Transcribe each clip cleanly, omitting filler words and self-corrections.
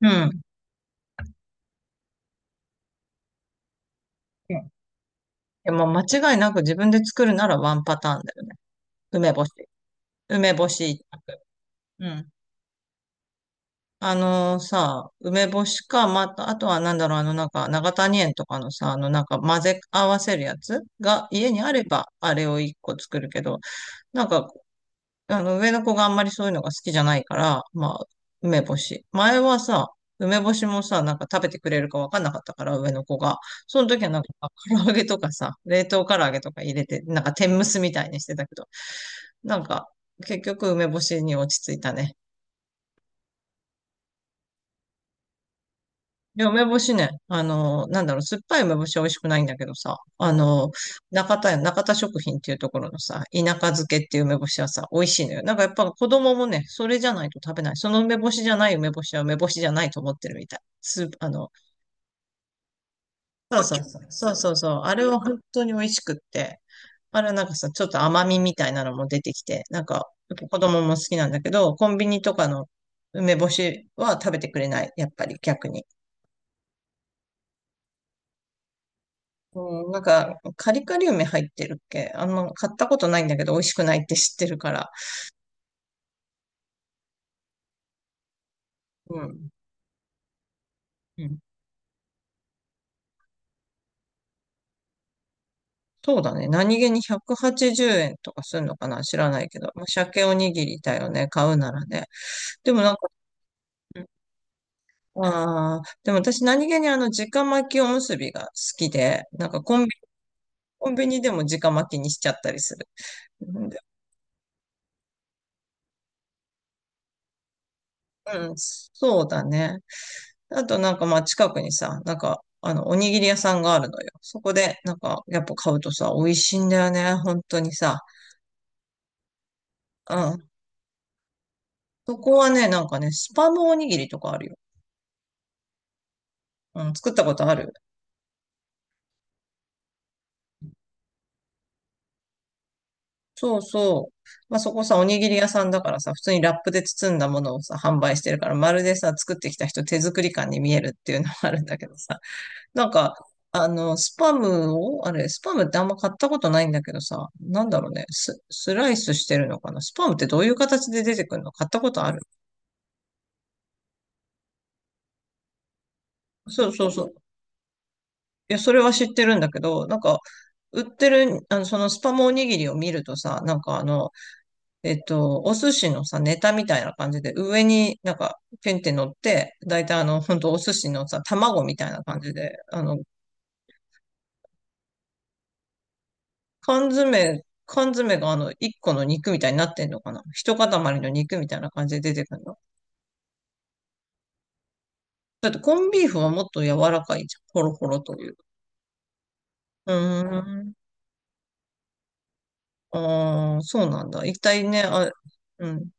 うん。うん。でも間違いなく自分で作るならワンパターンだよね。梅干し。梅干し一択。うん。あのさ、梅干しか、また、あとはなんだろう、長谷園とかのさ、混ぜ合わせるやつが家にあれば、あれを一個作るけど、なんか上の子があんまりそういうのが好きじゃないから、まあ、梅干し。前はさ、梅干しもさ、なんか食べてくれるかわかんなかったから、上の子が。その時はなんか、唐揚げとかさ、冷凍唐揚げとか入れて、なんか天むすみたいにしてたけど、なんか、結局梅干しに落ち着いたね。いや、梅干しね、なんだろう、酸っぱい梅干しは美味しくないんだけどさ、中田食品っていうところのさ、田舎漬けっていう梅干しはさ、美味しいのよ。なんかやっぱ子供もね、それじゃないと食べない。その梅干しじゃない梅干しは梅干しじゃないと思ってるみたい。スーあの、そうそうそう、そうそうそう、あれは本当に美味しくって、あれはなんかさ、ちょっと甘みみたいなのも出てきて、やっぱ子供も好きなんだけど、コンビニとかの梅干しは食べてくれない、やっぱり逆に。うん、カリカリ梅入ってるっけあんま買ったことないんだけど、美味しくないって知ってるから。うん。うん。そうだね。何気に180円とかするのかな知らないけど。まあ、鮭おにぎりだよね。買うならね。でもなんか、うん。ああ、でも私何気に直巻きおむすびが好きで、なんかコンビニでも直巻きにしちゃったりする。うん、で、うん、そうだね。あとなんかまあ近くにさ、なんかおにぎり屋さんがあるのよ。そこでなんかやっぱ買うとさ、美味しいんだよね、本当にさ。うん。そこはね、なんかね、スパムおにぎりとかあるよ。うん、作ったことある。そうそう。まあそこさ、おにぎり屋さんだからさ、普通にラップで包んだものをさ、販売してるから、まるでさ、作ってきた人手作り感に見えるっていうのもあるんだけどさ。なんか、スパムってあんま買ったことないんだけどさ、なんだろうね、スライスしてるのかな？スパムってどういう形で出てくるの？買ったことある？そうそうそう。いや、それは知ってるんだけど、なんか、売ってる、そのスパムおにぎりを見るとさ、なんかお寿司のさ、ネタみたいな感じで、上になんか、ペンって乗って、だいたいほんとお寿司のさ、卵みたいな感じで、缶詰、缶詰が一個の肉みたいになってんのかな？一塊の肉みたいな感じで出てくるの？だってコンビーフはもっと柔らかいじゃん。ホロホロという。うーん。ああ、そうなんだ。一体ね、あ、うん。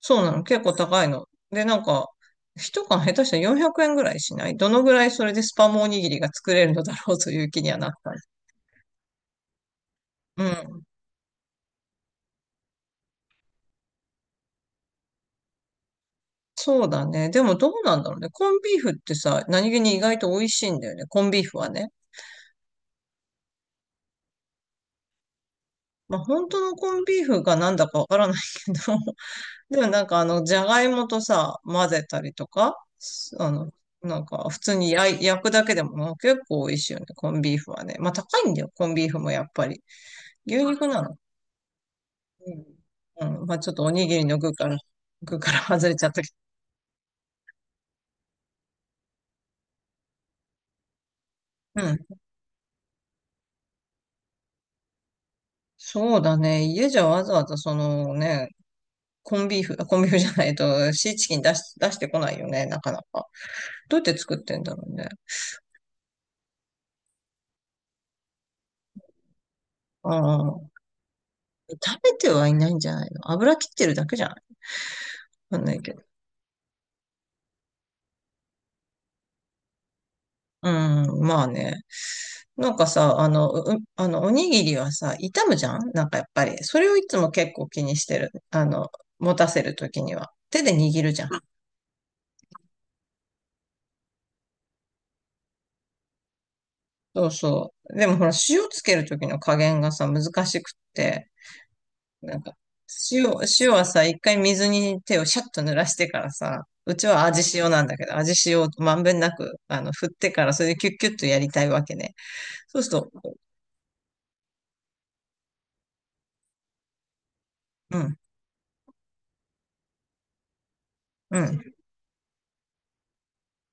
そうなの。結構高いの。で、なんか、一缶下手したら400円ぐらいしない？どのぐらい？それでスパムおにぎりが作れるのだろうという気にはなった。うん。そうだね。でもどうなんだろうね。コンビーフってさ、何気に意外と美味しいんだよね。コンビーフはね。まあ、本当のコンビーフがなんだかわからないけど、でもなんかじゃがいもとさ、混ぜたりとか、すあの、なんか普通に焼くだけでも結構美味しいよね、コンビーフはね。まあ高いんだよ、コンビーフもやっぱり。牛肉なの。うん。うん、まあちょっとおにぎりの具から、具から 外れちゃったけど。うん。そうだね。家じゃわざわざそのね、コンビーフじゃないと、シーチキン出してこないよね、なかなか。どうやって作ってんだろうね。ああ。食べてはいないんじゃないの？油切ってるだけじゃない？わかんないけど。うん、まあね。なんかさ、あの、う、あの、おにぎりはさ、傷むじゃんなんかやっぱり。それをいつも結構気にしてる。持たせるときには。手で握るじゃん。そうそう。でもほら、塩つけるときの加減がさ、難しくって。なんか、塩、塩はさ、一回水に手をシャッと濡らしてからさ、うちは味塩なんだけど、味塩をまんべんなく、振ってから、それでキュッキュッとやりたいわけね。そうすると、うん。うん。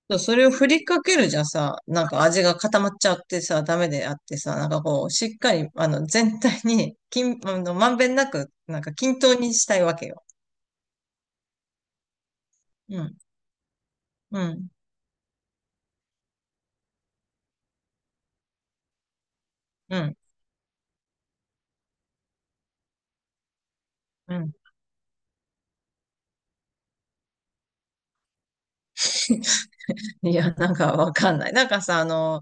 そうそれを振りかけるじゃさ、なんか味が固まっちゃってさ、ダメであってさ、なんかこう、しっかり、全体に、均あの、まんべんなく、なんか均等にしたいわけよ。うん、うん、うん、うん。いや、なんかわかんない。なんかさ、あの、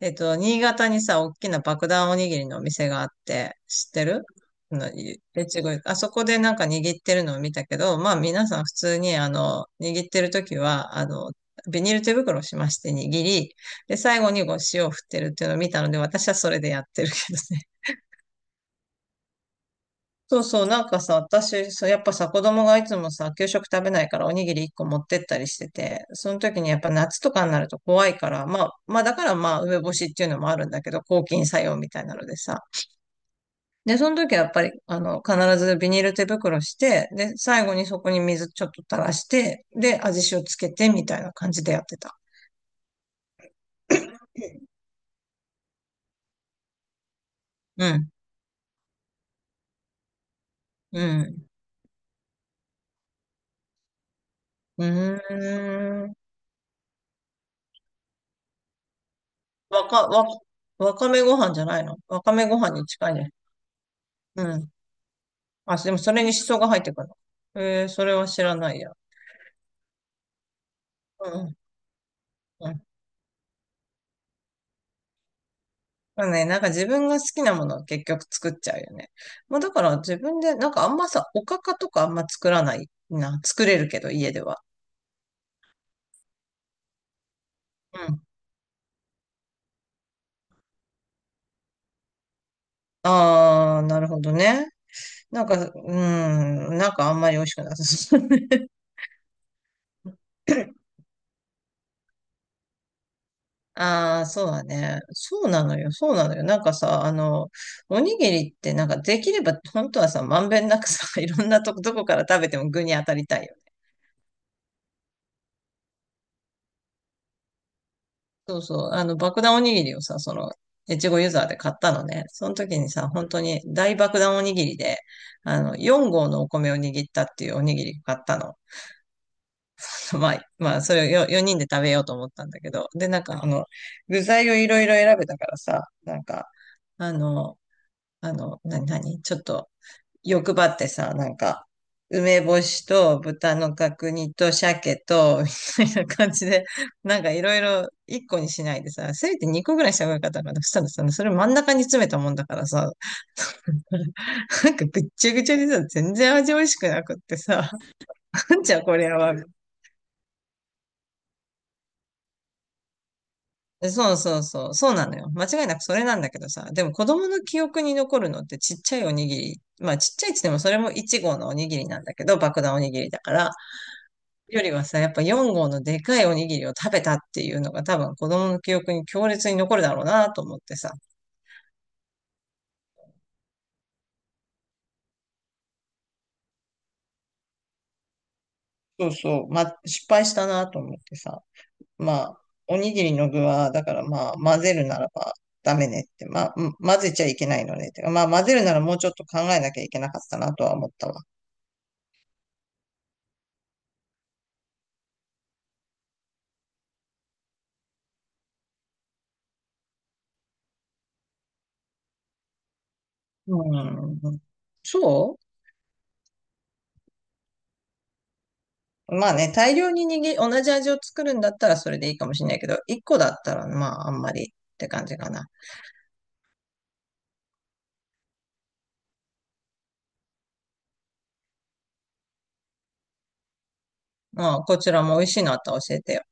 えっと、新潟にさ、大きな爆弾おにぎりのお店があって、知ってるの？越後湯あそこでなんか握ってるのを見たけど、まあ皆さん普通に、握ってる時は、ビニール手袋をしまして握り、で、最後にこう塩を振ってるっていうのを見たので、私はそれでやってるけどね。そうそう、なんかさ、私、そう、やっぱさ、子供がいつもさ、給食食べないからおにぎり1個持ってったりしてて、その時にやっぱ夏とかになると怖いから、まあ、まあだからまあ、梅干しっていうのもあるんだけど、抗菌作用みたいなのでさ。で、その時はやっぱり、必ずビニール手袋して、で、最後にそこに水ちょっと垂らして、で、味塩つけてみたいな感じでやってた。うん、うん、うーん。わか、わ、わかめご飯じゃないの？わかめご飯に近いね。うん、あ、でもそれに思想が入ってくるの？えー、それは知らないや。うん。うん。まあね、なんか自分が好きなものを結局作っちゃうよね。まあだから自分で、なんかあんまさ、おかかとかあんま作らないな。作れるけど、家では。うん。ああ、なるほどね。なんか、うん、なんかあんまり美味しくなさそうね。ああ、そうだね。そうなのよ、そうなのよ。なんかさ、おにぎりってなんかできれば、本当はさ、まんべんなくさ、いろんなとこ、どこから食べても具に当たりたいよね。そうそう、爆弾おにぎりをさ、その、越後ユーザーで買ったのね。その時にさ、本当に大爆弾おにぎりで、4合のお米を握ったっていうおにぎり買ったの。まあ、まあ、それを4人で食べようと思ったんだけど。で、なんか、具材をいろいろ選べたからさ、なんか、あの、なになにちょっと、欲張ってさ、なんか、梅干しと豚の角煮と鮭と、みたいな感じで、なんかいろいろ1個にしないでさ、せめて2個ぐらいした方がよかったのかな。そしたらさ、それ真ん中に詰めたもんだからさ、なんかぐっちゃぐちゃにさ、全然味美味しくなくってさ、なんじゃこりゃは。そうそうそう、そうなのよ。間違いなくそれなんだけどさ、でも子供の記憶に残るのってちっちゃいおにぎり。まあちっちゃいっつってもそれも1号のおにぎりなんだけど、爆弾おにぎりだから。よりはさ、やっぱ4号のでかいおにぎりを食べたっていうのが多分子供の記憶に強烈に残るだろうなと思ってさ。そうそう。まあ、失敗したなと思ってさ。まあ、おにぎりの具は、だからまあ、混ぜるならばダメねって。まあ、うん、混ぜちゃいけないのねって。まあ、混ぜるならもうちょっと考えなきゃいけなかったなとは思ったわ。うん。そうまあね、大量に握り、同じ味を作るんだったらそれでいいかもしれないけど、1個だったらまあ、あんまりって感じかな。まあ、こちらも美味しいのあったら教えてよ。